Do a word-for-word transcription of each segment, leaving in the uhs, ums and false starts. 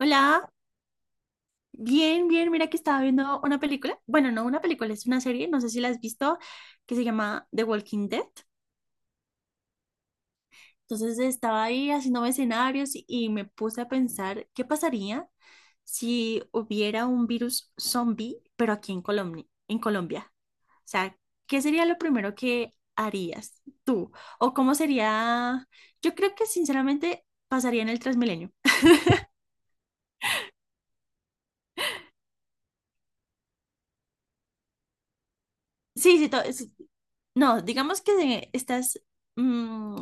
Hola, bien, bien, mira que estaba viendo una película. Bueno, no una película, es una serie, no sé si la has visto, que se llama The Walking Dead. Entonces estaba ahí haciendo escenarios y y me puse a pensar qué pasaría si hubiera un virus zombie, pero aquí en Colombia, en Colombia. O sea, ¿qué sería lo primero que harías tú? ¿O cómo sería? Yo creo que sinceramente pasaría en el Transmilenio. Sí, sí, todo. No, digamos que estás mm,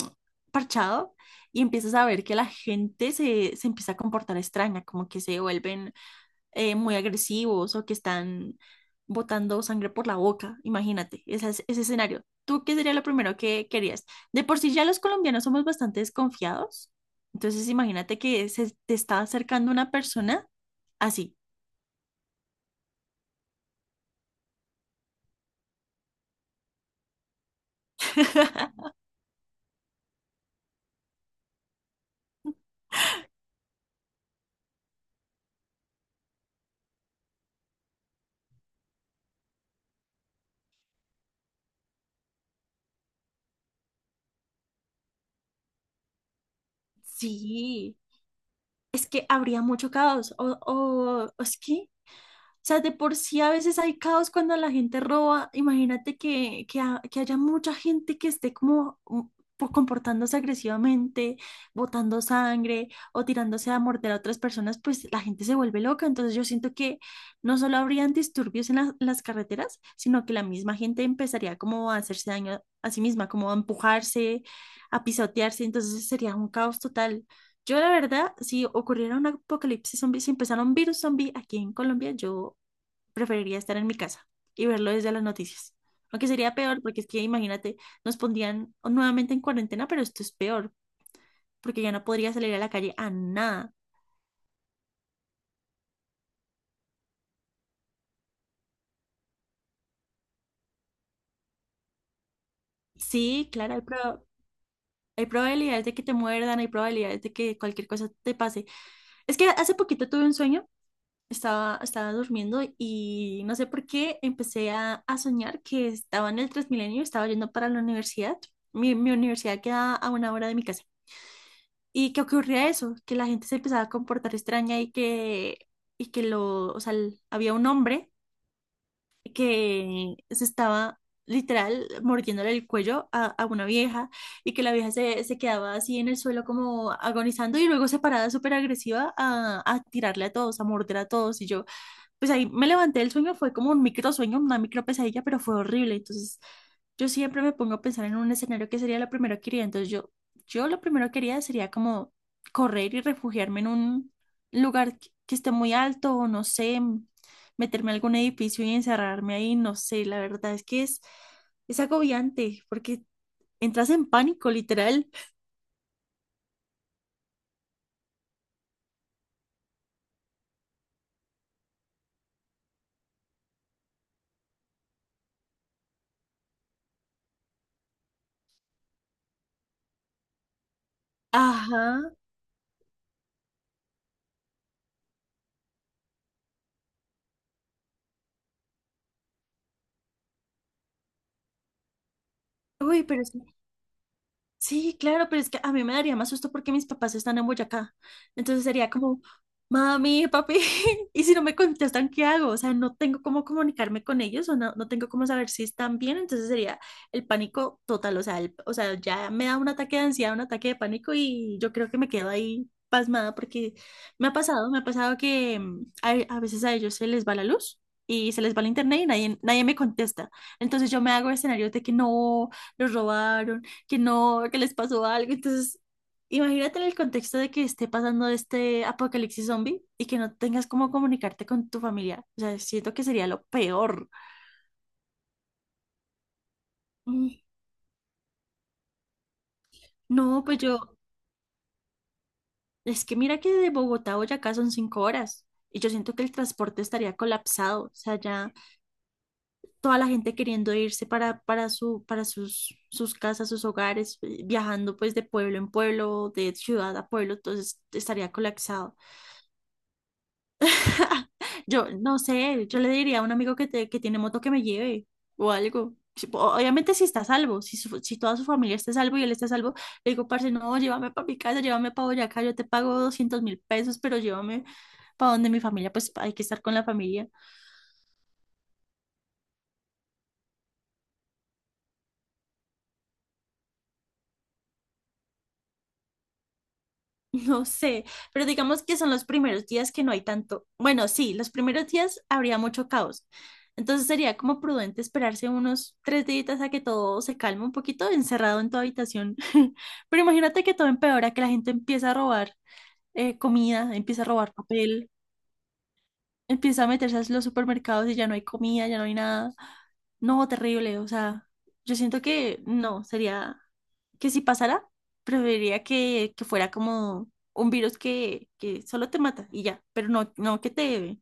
parchado y empiezas a ver que la gente se, se empieza a comportar extraña, como que se vuelven eh, muy agresivos o que están botando sangre por la boca. Imagínate ese, es- ese escenario. ¿Tú qué sería lo primero que querías? De por sí ya los colombianos somos bastante desconfiados. Entonces imagínate que se te está acercando una persona así. Sí, es que habría mucho caos. O, o o es que sea, de por sí a veces hay caos cuando la gente roba. Imagínate que, que, ha- que haya mucha gente que esté como mm, po- comportándose agresivamente, botando sangre o tirándose a morder a otras personas, pues la gente se vuelve loca. Entonces yo siento que no solo habrían disturbios en las las carreteras, sino que la misma gente empezaría como a hacerse daño a sí misma, como a empujarse, a pisotearse. Entonces sería un caos total. Yo, la verdad, si ocurriera un apocalipsis zombie, si empezara un virus zombie aquí en Colombia, yo preferiría estar en mi casa y verlo desde las noticias. Aunque sería peor, porque es que imagínate, nos pondrían nuevamente en cuarentena, pero esto es peor porque ya no podría salir a la calle a nada. Sí, claro, hay, pro- hay probabilidades de que te muerdan, hay probabilidades de que cualquier cosa te pase. Es que hace poquito tuve un sueño, estaba, estaba durmiendo y no sé por qué empecé a, a soñar que estaba en el Transmilenio, estaba yendo para la universidad. Mi, mi universidad queda a una hora de mi casa. Y que ocurría eso, que la gente se empezaba a comportar extraña, y que, y que lo, o sea, el- había un hombre que se estaba literal mordiéndole el cuello a, a una vieja y que la vieja se, se quedaba así en el suelo como agonizando y luego se paraba súper agresiva a, a tirarle a todos, a morder a todos. Y yo, pues ahí me levanté del sueño. Fue como un micro sueño, una micro pesadilla, pero fue horrible. Entonces, yo siempre me pongo a pensar en un escenario que sería lo primero que quería. Entonces, yo, yo lo primero que quería sería como correr y refugiarme en un lugar que, que esté muy alto o no sé, m- meterme a algún edificio y encerrarme ahí, no sé, la verdad es que es, es agobiante porque entras en pánico, literal. Ajá. Uy, pero es Sí, claro, pero es que a mí me daría más susto porque mis papás están en Boyacá. Entonces sería como, mami, papi, y si no me contestan, ¿qué hago? O sea, no tengo cómo comunicarme con ellos o no, no tengo cómo saber si están bien. Entonces sería el pánico total. O sea, el- o sea, ya me da un ataque de ansiedad, un ataque de pánico y yo creo que me quedo ahí pasmada porque me ha pasado, me ha pasado que mm, a, a veces a ellos se les va la luz. Y se les va el internet y nadie, nadie me contesta. Entonces yo me hago escenarios de que no, los robaron, que no, que les pasó algo. Entonces, imagínate en el contexto de que esté pasando este apocalipsis zombie y que no tengas cómo comunicarte con tu familia. O sea, siento que sería lo peor. Mm, no, pues yo, es que mira que de Bogotá a Boyacá son cinco horas. Y yo siento que el transporte estaría colapsado, o sea, ya toda la gente queriendo irse para, para, su, para sus, sus casas, sus hogares, eh, viajando pues de pueblo en pueblo, de ciudad a pueblo, entonces estaría colapsado. Yo no sé, yo le diría a un amigo que, te- que tiene moto que me lleve o algo. Si- o- Obviamente si está a salvo, si, su- si toda su familia está a salvo y él está a salvo, le digo, parce, no, llévame para mi casa, llévame para Boyacá, yo te pago doscientos mil pesos, pero llévame para donde mi familia, pues hay que estar con la familia. No sé, pero digamos que son los primeros días que no hay tanto. Bueno, sí, los primeros días habría mucho caos. Entonces sería como prudente esperarse unos tres días a que todo se calme un poquito, encerrado en tu habitación. Pero imagínate que todo empeora, que la gente empieza a robar eh, comida, empieza a robar papel, empieza a meterse a los supermercados y ya no hay comida, ya no hay nada. No, terrible, o sea, yo siento que no, sería que si pasara, preferiría que, que fuera como un virus que, que solo te mata y ya, pero no, no que te,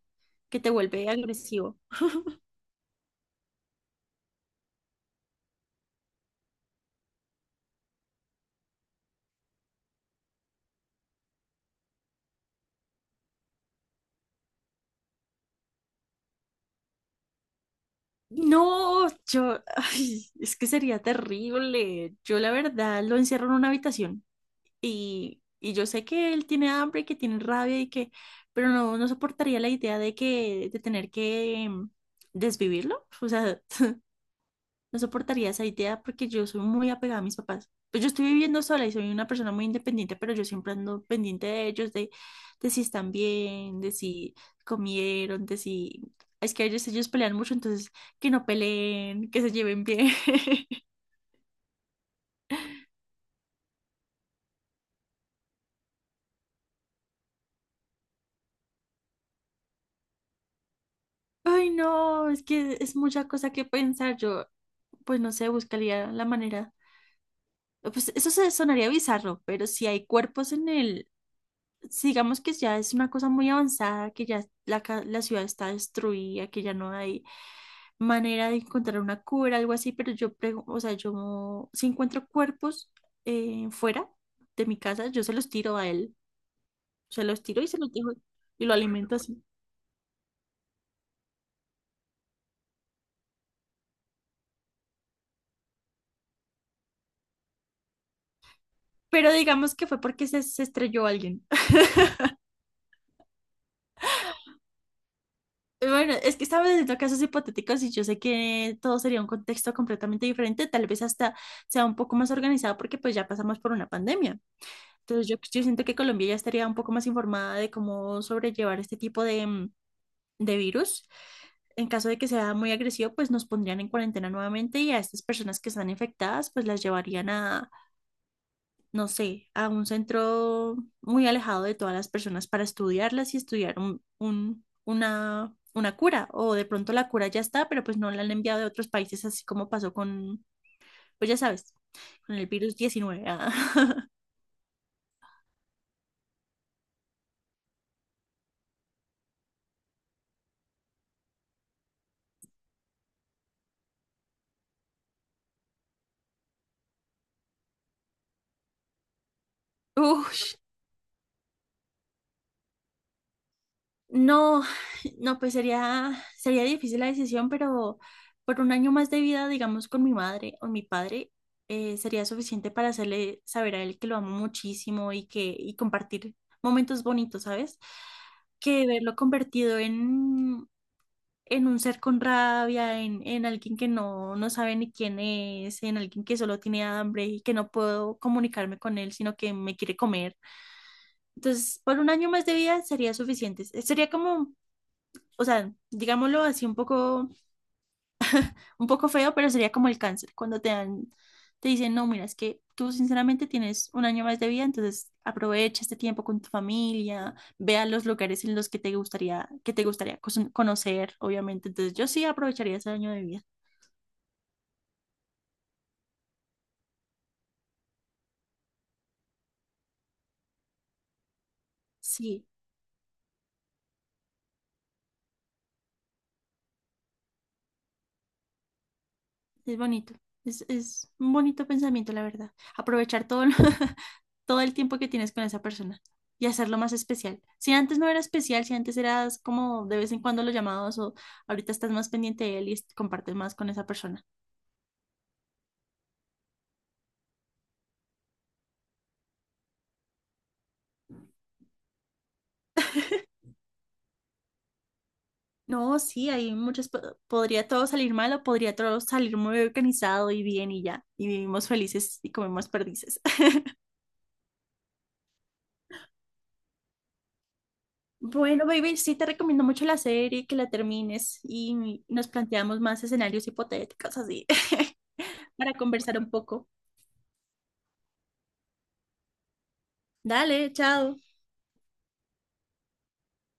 que te vuelve agresivo. No, yo, ay, es que sería terrible. Yo la verdad lo encierro en una habitación. Y, y yo sé que él tiene hambre, que tiene rabia y que, pero no, no soportaría la idea de que, de tener que mm, desvivirlo. O sea, no soportaría esa idea porque yo soy muy apegada a mis papás. Pues yo estoy viviendo sola y soy una persona muy independiente, pero yo siempre ando pendiente de ellos, de, de si están bien, de si comieron, de si... Es que a veces ellos pelean mucho, entonces que no peleen, que se lleven bien. Ay, no, es que es mucha cosa que pensar. Yo, pues no sé, buscaría la manera. Pues eso se sonaría bizarro, pero si hay cuerpos en el, si digamos que ya es una cosa muy avanzada, que ya la, ca- la ciudad está destruida, que ya no hay manera de encontrar una cura, algo así, pero yo prego, o sea, yo si encuentro cuerpos eh, fuera de mi casa, yo se los tiro a él, se los tiro y se los dejo y lo alimento así. Pero digamos que fue porque se, se estrelló alguien. Bueno, es que estamos haciendo casos hipotéticos y yo sé que todo sería un contexto completamente diferente, tal vez hasta sea un poco más organizado porque pues ya pasamos por una pandemia. Entonces yo, yo siento que Colombia ya estaría un poco más informada de cómo sobrellevar este tipo de, mm, de virus. En caso de que sea muy agresivo, pues nos pondrían en cuarentena nuevamente y a estas personas que están infectadas, pues las llevarían, no sé, a un centro muy alejado de todas las personas para estudiarlas y estudiar un, un- una, una cura. O de pronto la cura ya está, pero pues no la han enviado de otros países, así como pasó con, pues ya sabes, con el virus diecinueve, ah. Uf, no, no, pues sería, sería difícil la decisión, pero por un año más de vida, digamos, con mi madre o mi padre, eh, sería suficiente para hacerle saber a él que lo amo muchísimo y que y compartir momentos bonitos, ¿sabes? Que verlo convertido en, en, un ser con rabia, en, en alguien que no, no sabe ni quién es, en alguien que solo tiene hambre y que no puedo comunicarme con él, sino que me quiere comer. Entonces, por un año más de vida sería suficiente. Sería como o sea, digámoslo así un poco, un poco feo, pero sería como el cáncer, cuando te dan, te dicen, no, mira, es que tú sinceramente tienes un año más de vida, entonces aprovecha este tiempo con tu familia, ve a los lugares en los que te gustaría, que te gustaría cos- conocer, obviamente. Entonces yo sí aprovecharía ese año de vida. Sí, es bonito. Es, es un bonito pensamiento, la verdad. Aprovechar todo lo, todo el tiempo que tienes con esa persona y hacerlo más especial. Si antes no era especial, si antes eras como de vez en cuando lo llamabas o ahorita estás más pendiente de él y compartes más con esa persona. No, sí, hay muchas, podría todo salir mal o podría todo salir muy organizado y bien y ya, y vivimos felices y comemos perdices. Bueno, baby, sí te recomiendo mucho la serie, que la termines y nos planteamos más escenarios hipotéticos así. Para conversar un poco. Dale, chao.